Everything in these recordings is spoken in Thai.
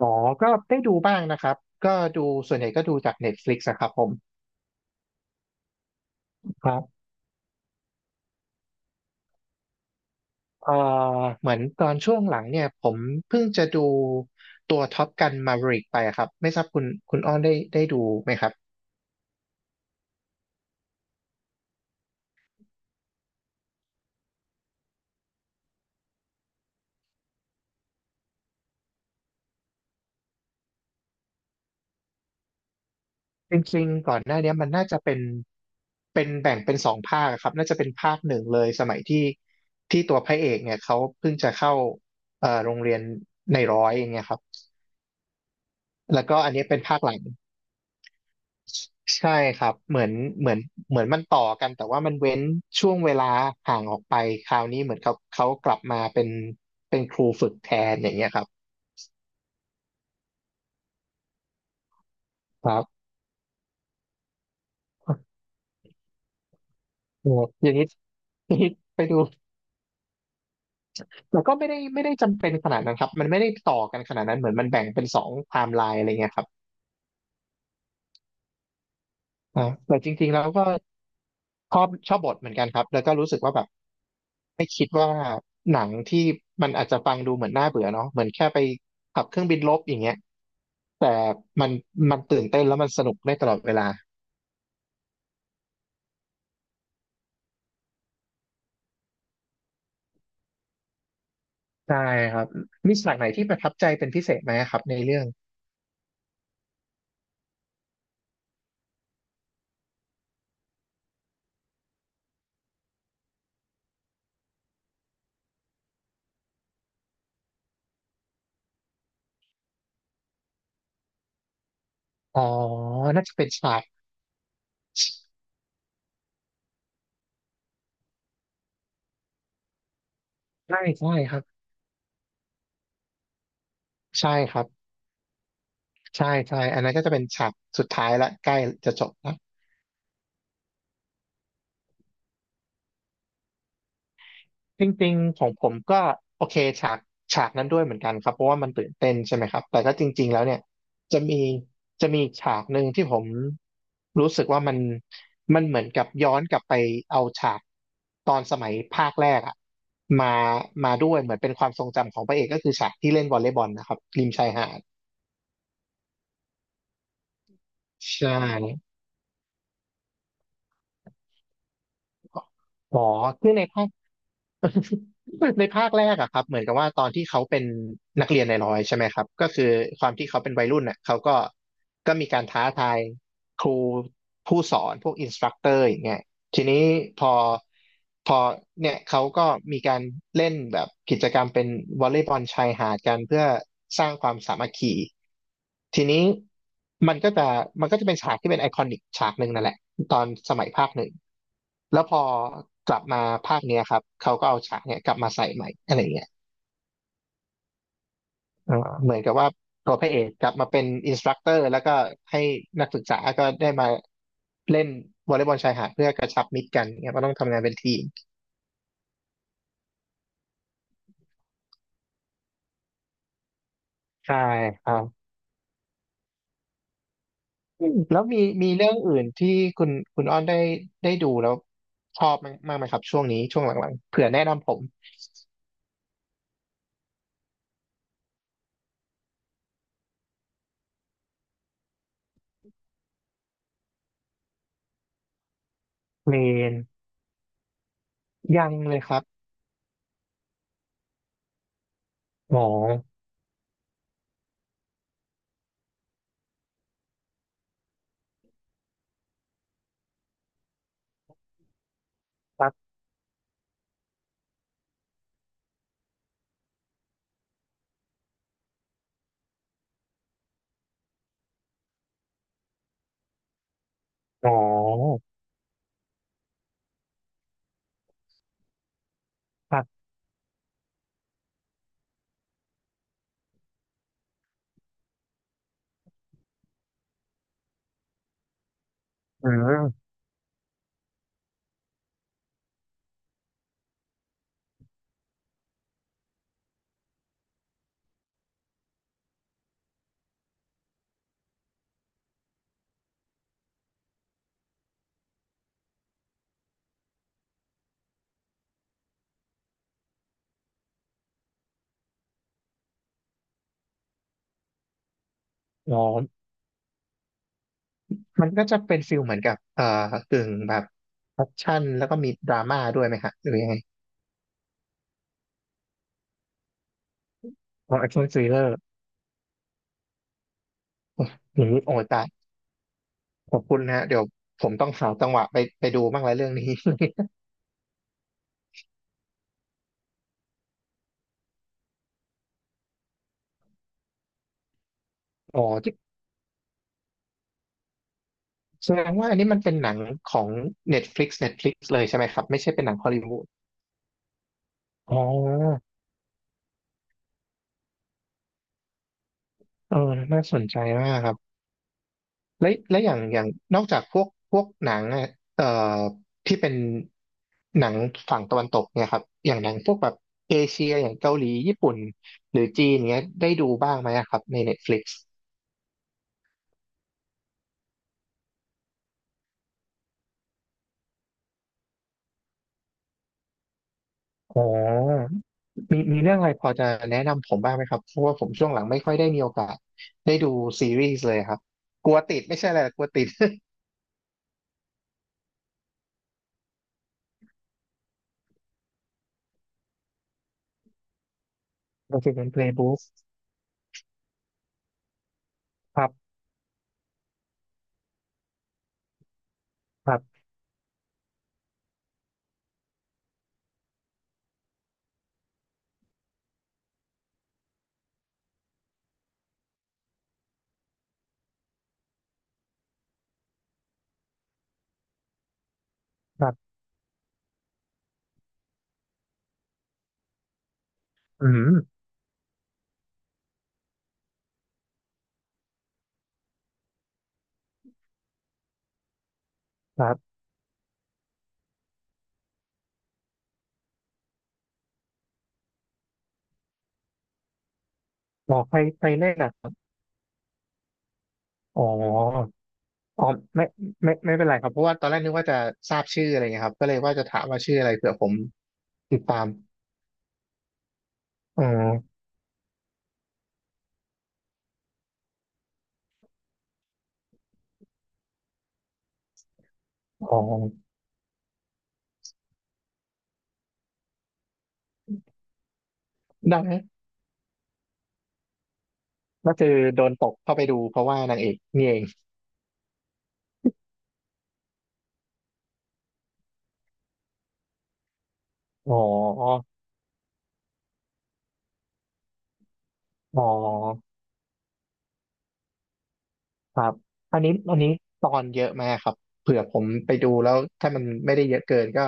อ๋อก็ได้ดูบ้างนะครับก็ดูส่วนใหญ่ก็ดูจาก Netflix อะครับผมครับเอ่อเหมือนตอนช่วงหลังเนี่ยผมเพิ่งจะดูตัวท็อปกันมา v e ริกไปอะครับไม่ทราบคุณคุณอ้อนได้ดูไหมครับจริงๆก่อนหน้าเนี้ยมันน่าจะเป็นแบ่งเป็นสองภาคอะครับน่าจะเป็นภาคหนึ่งเลยสมัยที่ตัวพระเอกเนี่ยเขาเพิ่งจะเข้าโรงเรียนในร้อยอย่างเงี้ยครับแล้วก็อันนี้เป็นภาคหลัง ใช่ครับเหมือนเหมือนมันต่อกันแต่ว่ามันเว้นช่วงเวลาห่างออกไปคราวนี้เหมือนเขากลับมาเป็นครูฝึกแทนอย่างเงี้ยครับครับโอ้อย่างนี้ไปดูแล้วก็ไม่ได้จำเป็นขนาดนั้นครับมันไม่ได้ต่อกันขนาดนั้นเหมือนมันแบ่งเป็นสองไทม์ไลน์อะไรเงี้ยครับแต่จริงๆแล้วก็ชอบบทเหมือนกันครับแล้วก็รู้สึกว่าแบบหนังที่มันอาจจะฟังดูเหมือนน่าเบื่อเนาะเหมือนแค่ไปขับเครื่องบินรบอย่างเงี้ยแต่มันตื่นเต้นแล้วมันสนุกได้ตลอดเวลา ได้ครับมีฉากไหนที่ประทับใจเป็นพิเศษไหมครับในเรื่องอ๋อน่าจะเป็นฉากใช่ใช่ครับใช่ครับใช่ใช่อันนั้นก็จะเป็นฉากสุดท้ายละใกล้จะจบละ จริงๆของผมก็โอเคฉากนั้นด้วยเหมือนกันครับเพราะว่ามันตื่นเต้นใช่ไหมครับแต่ก็จริงๆแล้วเนี่ยจะมีฉากหนึ่งที่ผมรู้สึกว่ามันเหมือนกับย้อนกลับไปเอาฉากตอนสมัยภาคแรกอะมาด้วยเหมือนเป็นความทรงจำของพระเอกก็คือฉากที่เล่นวอลเลย์บอลนะครับริมชายหาดใช่อ๋อคือในภา ในภาคแรกอะครับเหมือนกับว่าตอนที่เขาเป็นนักเรียนในร้อยใช่ไหมครับก็คือความที่เขาเป็นวัยรุ่นน่ะเขาก็มีการท้าทายครูผู้สอนพวกอินสตรัคเตอร์อย่างเงี้ยทีนี้พอพอเนี่ยเขาก็มีการเล่นแบบกิจกรรมเป็นวอลเลย์บอลชายหาดกันเพื่อสร้างความสามัคคีทีนี้มันก็จะเป็นฉากที่เป็นไอคอนิกฉากหนึ่งนั่นแหละตอนสมัยภาคหนึ่ง แล้วพอกลับมาภาคเนี้ยครับเขาก็เอาฉากเนี่ยกลับมาใส่ใหม่อะไรเงี้ยเออเหมือนกับว่าตัวพระเอกกลับมาเป็นอินสตรัคเตอร์แล้วก็ให้นักศึกษาก็ได้มาเล่นวอลเลย์บอลชายหาดเพื่อกระชับมิตรกันเนี่ยมันต้องทำงานเป็นทีมใช่ครับอืมแล้วมีเรื่องอื่นที่คุณอ้อนได้ดูแล้วชอบมั้ยมากไหมครับช่วงนี้ช่วงหลังๆเผื่อแนะนำผมเมนยังเลยครับหมอครับหมอครับอืมออ มันก็จะเป็นฟิลเหมือนกับกึ่งแบบแอคชั่นแล้วก็มีดราม่าด้วยไหมฮะหรือยังไงอ๋อแอคชั่นทริลเลอร์อย่างนี้โอ้ยตายขอบคุณนะฮะเดี๋ยวผมต้องหาจังหวะไปดูบ้างแล้วเรื่องนี้ อ๋อที่แสดงว่าอันนี้มันเป็นหนังของ Netflix เลยใช่ไหมครับไม่ใช่เป็นหนังฮอลลีวูดอ๋อเออน่าสนใจมากครับ และอย่างนอกจากพวกหนังอะเอ่อที่เป็นหนังฝั่งตะวันตกเนี่ยครับอย่างหนังพวกแบบเอเชียอย่างเกาหลีญี่ปุ่นหรือจีนเนี้ยได้ดูบ้างไหมอะครับใน Netflix อ๋อมีเรื่องอะไรพอจะแนะนำผมบ้างไหมครับเพราะว่าผมช่วงหลังไม่ค่อยได้มีโอกาสได้ดูซีรีส์เลยครับกลัวติดไม่ใช่อะไรหรอกกลัวติด โอเคเป็น Playbook ครับครับครับอืมครับออกใครใครเล่นอ่ะครับอ๋อ อ๋อไม่ไม่ไม่เป็นไรครับเพราะว่าตอนแรกนึกว่าจะทราบชื่ออะไรเงี้ยครับก็เลยว่าจะถามว่าชื่ออะไรเผื่อผมติดตามอ๋ออ๋อได้ไหมก็คือโดนตกเข้าไปดูเพราะว่านางเอกนี่เองอ๋ออ๋อครับอันนี้ตอนเยอะมากครับเผื่อผมไปดูแล้วถ้ามันไม่ได้เยอะเกินก็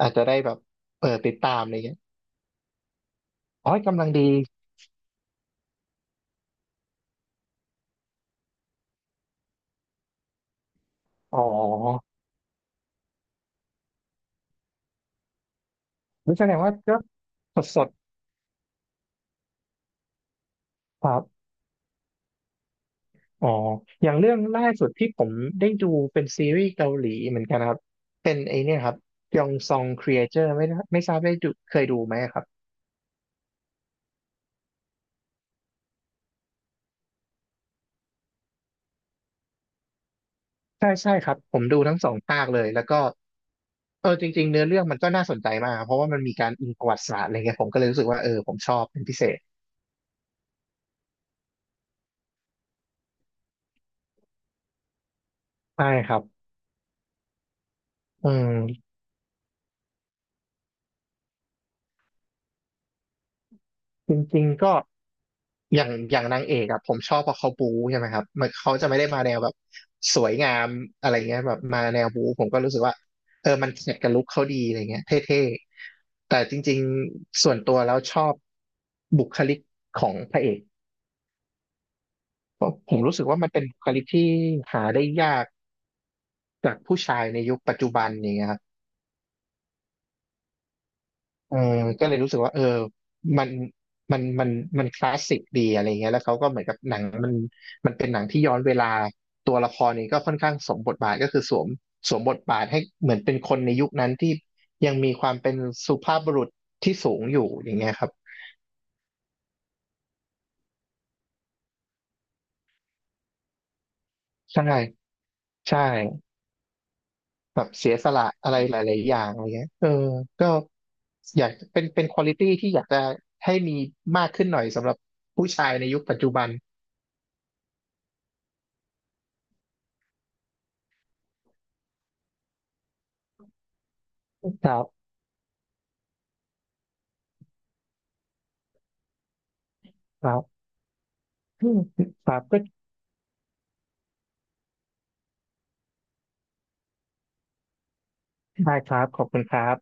อาจจะได้แบบเปิดติดตามอะไรเงี้ยอ๋อกำลังดีอ๋อนี่แสดงว่าก็สดครับ อ๋ออย่างเรื่องล่าสุดที่ผมได้ดูเป็นซีรีส์เกาหลีเหมือนกันครับ เป็นไอเนี่ยครับยองซองครีเอเตอร์ไม่ทราบได้ดูเคยดูไหมครับ ใช่ใช่ครับ ผมดูทั้งสองภาคเลย แล้วก็เออจริงๆเนื้อเรื่องมันก็น่าสนใจมากครับเพราะว่ามันมีการอิงประวัติศาสตร์อะไรเงี้ยผมก็เลยรู้สึกว่าเออผมชอบเป็นพิเศษ ใช่ครับอืมจริงๆก็ อย่างนางเอกอะผมชอบเพราะเขาบู๊ใช่ไหมครับมันเขาจะไม่ได้มาแนวแบบสวยงามอะไรเงี้ยแบบมาแนวบู๊ผมก็รู้สึกว่าเออมันแมทกับลุคเขาดีอะไรเงี้ยเท่ๆแต่จริงๆส่วนตัวแล้วชอบบุคลิกของพระเอกเพราะผมรู้สึกว่ามันเป็นบุคลิกที่หาได้ยากจากผู้ชายในยุคปัจจุบันอย่างเงี้ยครับ เออก็เลยรู้สึกว่าเออมันมันมันคลาสสิกดีอะไรเงี้ยแล้วเขาก็เหมือนกับหนังมันเป็นหนังที่ย้อนเวลาตัวละครนี้ก็ค่อนข้างสวมบทบาทก็คือสวมบทบาทให้เหมือนเป็นคนในยุคนั้นที่ยังมีความเป็นสุภาพบุรุษที่สูงอยู่อย่างเงี้ยครับใช่ใช่แบบเสียสละอะไรหลายๆอย่างอะไรเงี้ยเออก็อยากเป็นควอลิตี้ที่อยากจะให้มีมากขึ้นหน่อยสำหรับผู้ชายในยุคปัจจุบันครับครับ อืมครับก็ได้ครับขอบคุณครับ